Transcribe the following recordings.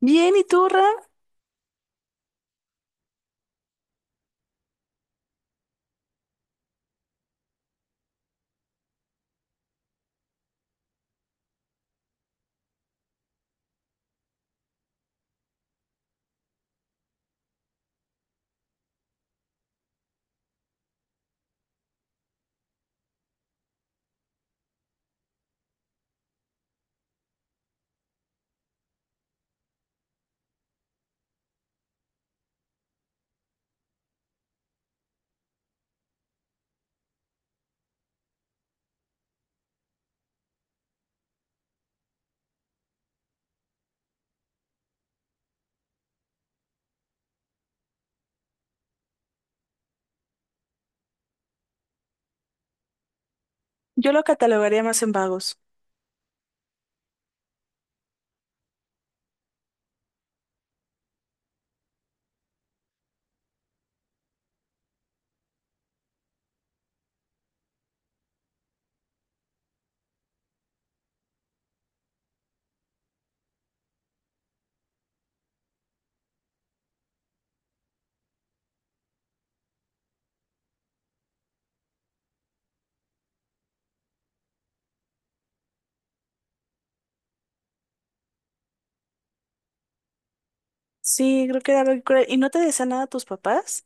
Bien, ¿y tú, Ram? Yo lo catalogaría más en vagos. Sí, creo que era algo cruel. ¿Y no te decían nada tus papás?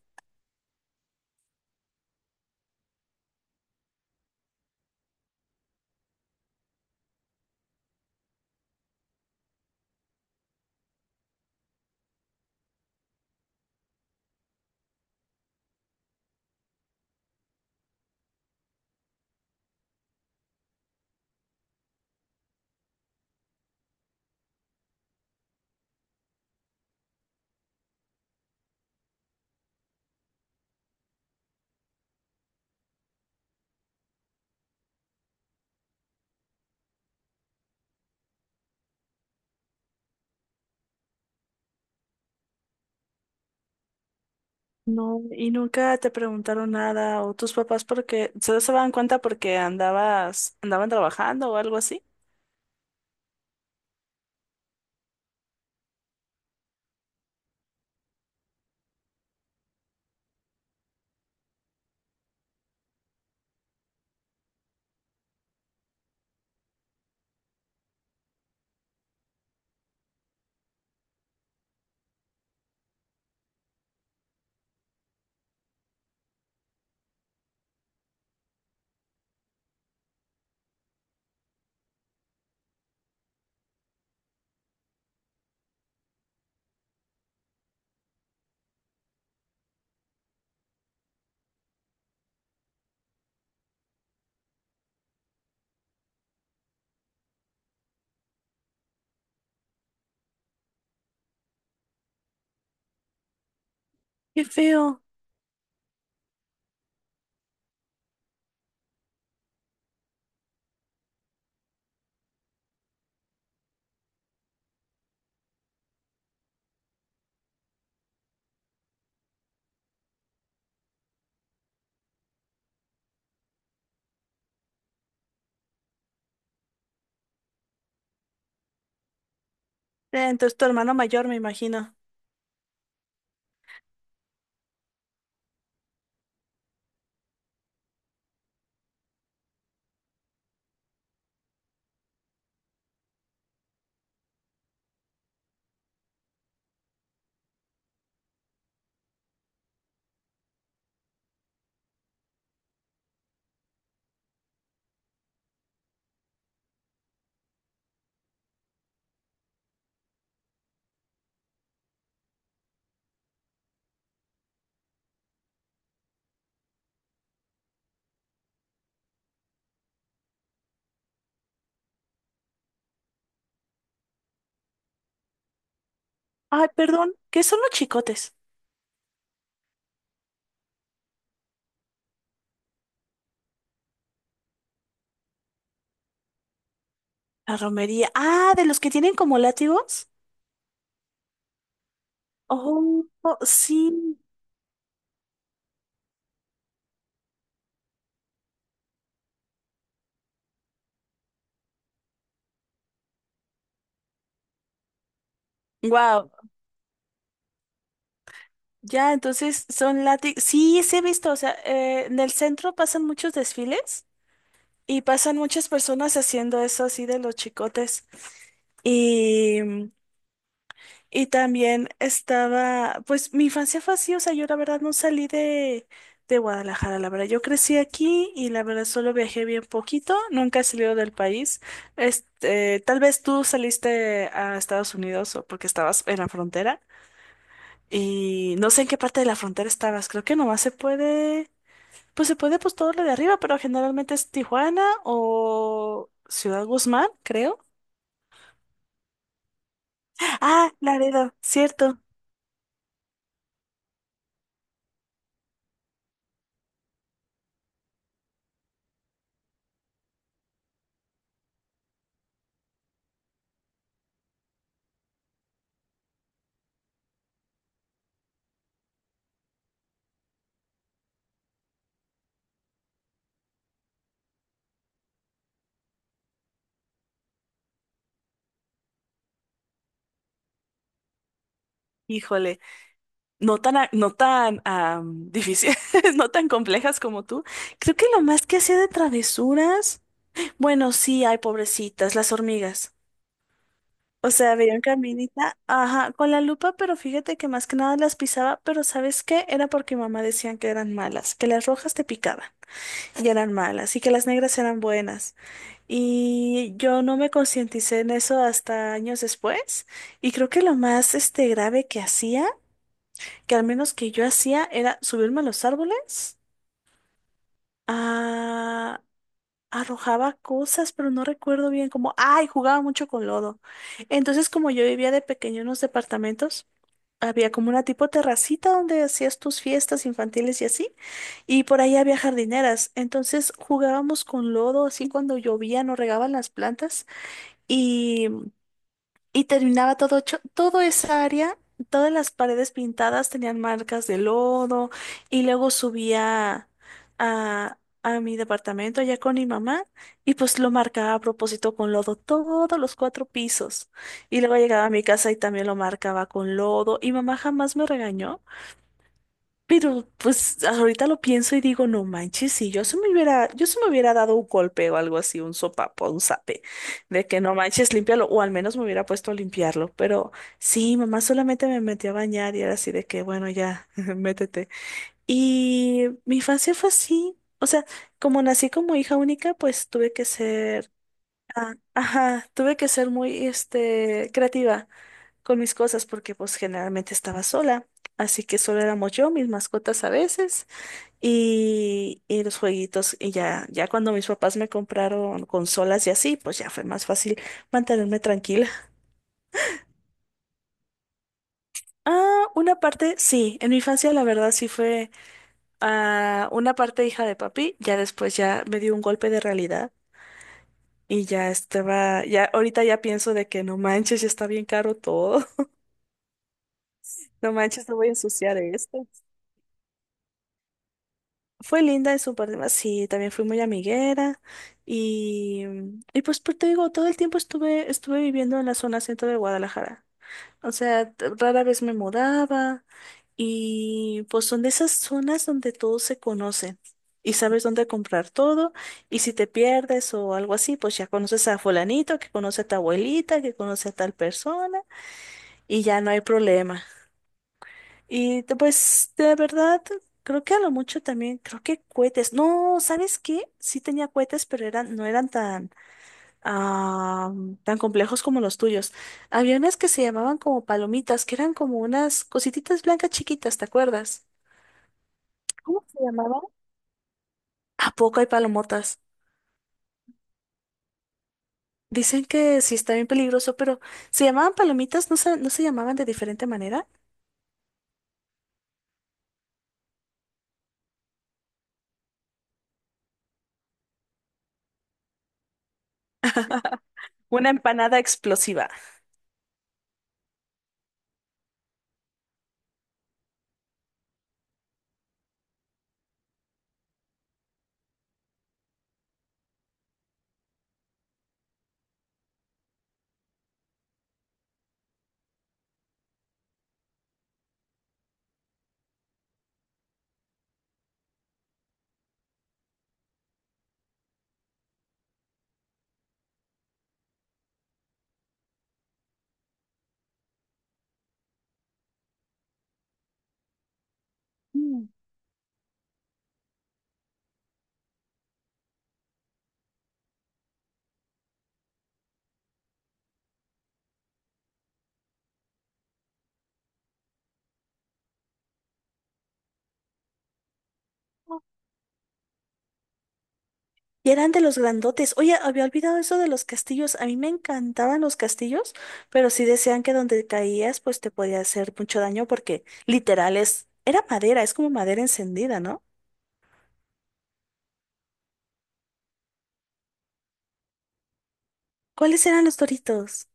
No, y nunca te preguntaron nada o tus papás porque se daban cuenta porque andabas, andaban trabajando o algo así. Qué feo. Entonces tu hermano mayor, me imagino. Ay, perdón, ¿qué son los chicotes? La romería. Ah, de los que tienen como látigos. Oh, oh, sí. Wow. Ya, entonces son látigos. Sí, sí he visto. O sea, en el centro pasan muchos desfiles. Y pasan muchas personas haciendo eso así de los chicotes. Y, y también estaba, pues mi infancia fue así, o sea, yo la verdad no salí de Guadalajara, la verdad, yo crecí aquí y la verdad solo viajé bien poquito, nunca he salido del país. Este, tal vez tú saliste a Estados Unidos o porque estabas en la frontera y no sé en qué parte de la frontera estabas, creo que nomás se puede pues todo lo de arriba, pero generalmente es Tijuana o Ciudad Guzmán, creo. Ah, Laredo, cierto. Híjole, no tan, no tan difíciles, no tan complejas como tú. Creo que lo más que hacía de travesuras, bueno, sí, hay pobrecitas, las hormigas. O sea, veía un caminita, ajá, con la lupa, pero fíjate que más que nada las pisaba, pero ¿sabes qué? Era porque mamá decían que eran malas, que las rojas te picaban y eran malas, y que las negras eran buenas. Y yo no me concienticé en eso hasta años después. Y creo que lo más este, grave que hacía, que al menos que yo hacía, era subirme a los árboles. ah, Arrojaba cosas, pero no recuerdo bien como, ay, jugaba mucho con lodo. Entonces, como yo vivía de pequeño en unos departamentos, había como una tipo terracita donde hacías tus fiestas infantiles y así. Y por ahí había jardineras. Entonces jugábamos con lodo, así cuando llovían o regaban las plantas. y Y terminaba todo hecho, toda esa área, todas las paredes pintadas tenían marcas de lodo. Y luego subía a, a mi departamento allá con mi mamá y pues lo marcaba a propósito con lodo todos los cuatro pisos. Y luego llegaba a mi casa y también lo marcaba con lodo. Y mamá jamás me regañó, pero pues ahorita lo pienso y digo, no manches, si yo se me hubiera dado un golpe o algo así, un sopapo, un zape, de que no manches, límpialo, o al menos me hubiera puesto a limpiarlo. Pero sí, mamá solamente me metió a bañar y era así de que, bueno, ya, métete. Y mi infancia fue así. O sea, como nací como hija única, pues ajá, tuve que ser muy, este, creativa con mis cosas porque pues generalmente estaba sola. Así que solo éramos yo, mis mascotas a veces y los jueguitos. Y ya, ya cuando mis papás me compraron consolas y así, pues ya fue más fácil mantenerme tranquila. Ah, una parte, sí, en mi infancia la verdad sí fue una parte hija de papi, ya después ya me dio un golpe de realidad y ya estaba, ya ahorita ya pienso de que no manches, ya está bien caro todo, no manches, no voy a ensuciar esto. Fue linda en su parte, más, sí, también fui muy amiguera y, y pues, pues te digo, todo el tiempo estuve, estuve viviendo en la zona centro de Guadalajara. O sea, rara vez me mudaba y pues son de esas zonas donde todos se conocen y sabes dónde comprar todo y si te pierdes o algo así, pues ya conoces a fulanito que conoce a tu abuelita, que conoce a tal persona y ya no hay problema. Pues de verdad, creo que a lo mucho también, creo que cohetes. No, ¿sabes qué? Sí tenía cohetes, pero eran, no eran tan, ah, tan complejos como los tuyos. Había unas que se llamaban como palomitas, que eran como unas cosititas blancas chiquitas, ¿te acuerdas? ¿Cómo se llamaban? ¿A poco hay palomotas? Dicen que sí está bien peligroso, pero se llamaban palomitas, no se, no se llamaban de diferente manera. Una empanada explosiva. Mm. Y eran de los grandotes. Oye, había olvidado eso de los castillos. A mí me encantaban los castillos, pero sí decían que donde caías, pues te podía hacer mucho daño porque literal es, era madera, es como madera encendida, ¿no? ¿Cuáles eran los doritos?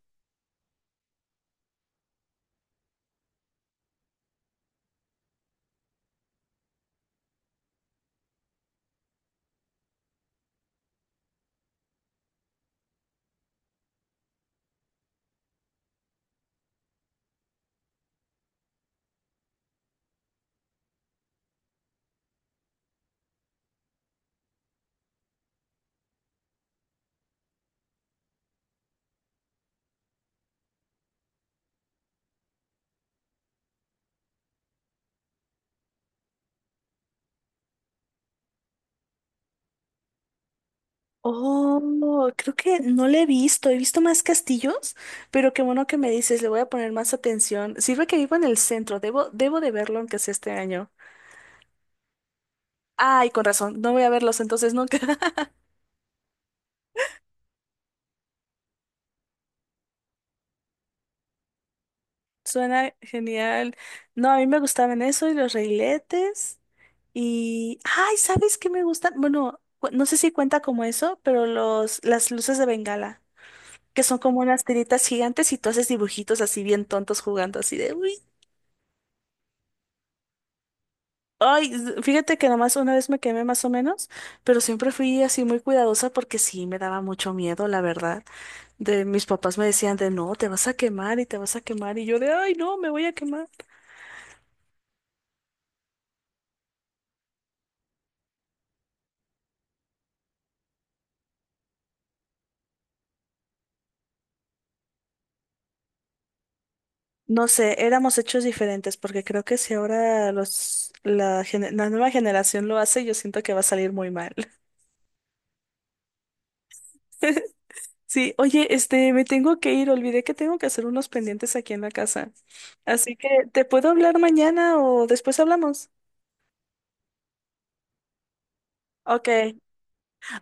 Oh, creo que no le he visto. He visto más castillos, pero qué bueno que me dices, le voy a poner más atención. Sirve que vivo en el centro, debo, debo de verlo aunque sea este año. Ay, con razón, no voy a verlos entonces nunca. Suena genial. No, a mí me gustaban eso y los reiletes. Y, ay, ¿sabes qué me gustan? Bueno, no sé si cuenta como eso, pero los, las luces de Bengala, que son como unas tiritas gigantes y tú haces dibujitos así bien tontos jugando así de, uy. Ay, fíjate que nomás una vez me quemé más o menos, pero siempre fui así muy cuidadosa porque sí me daba mucho miedo, la verdad. De mis papás me decían de, no, te vas a quemar y te vas a quemar y yo de, ay, no, me voy a quemar. No sé, éramos hechos diferentes, porque creo que si ahora los, la, la nueva generación lo hace, yo siento que va a salir muy mal. Sí, oye, este, me tengo que ir, olvidé que tengo que hacer unos pendientes aquí en la casa. Así que, ¿te puedo hablar mañana o después hablamos? Ok.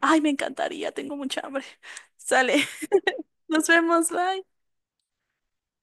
Ay, me encantaría, tengo mucha hambre. Sale, nos vemos, bye.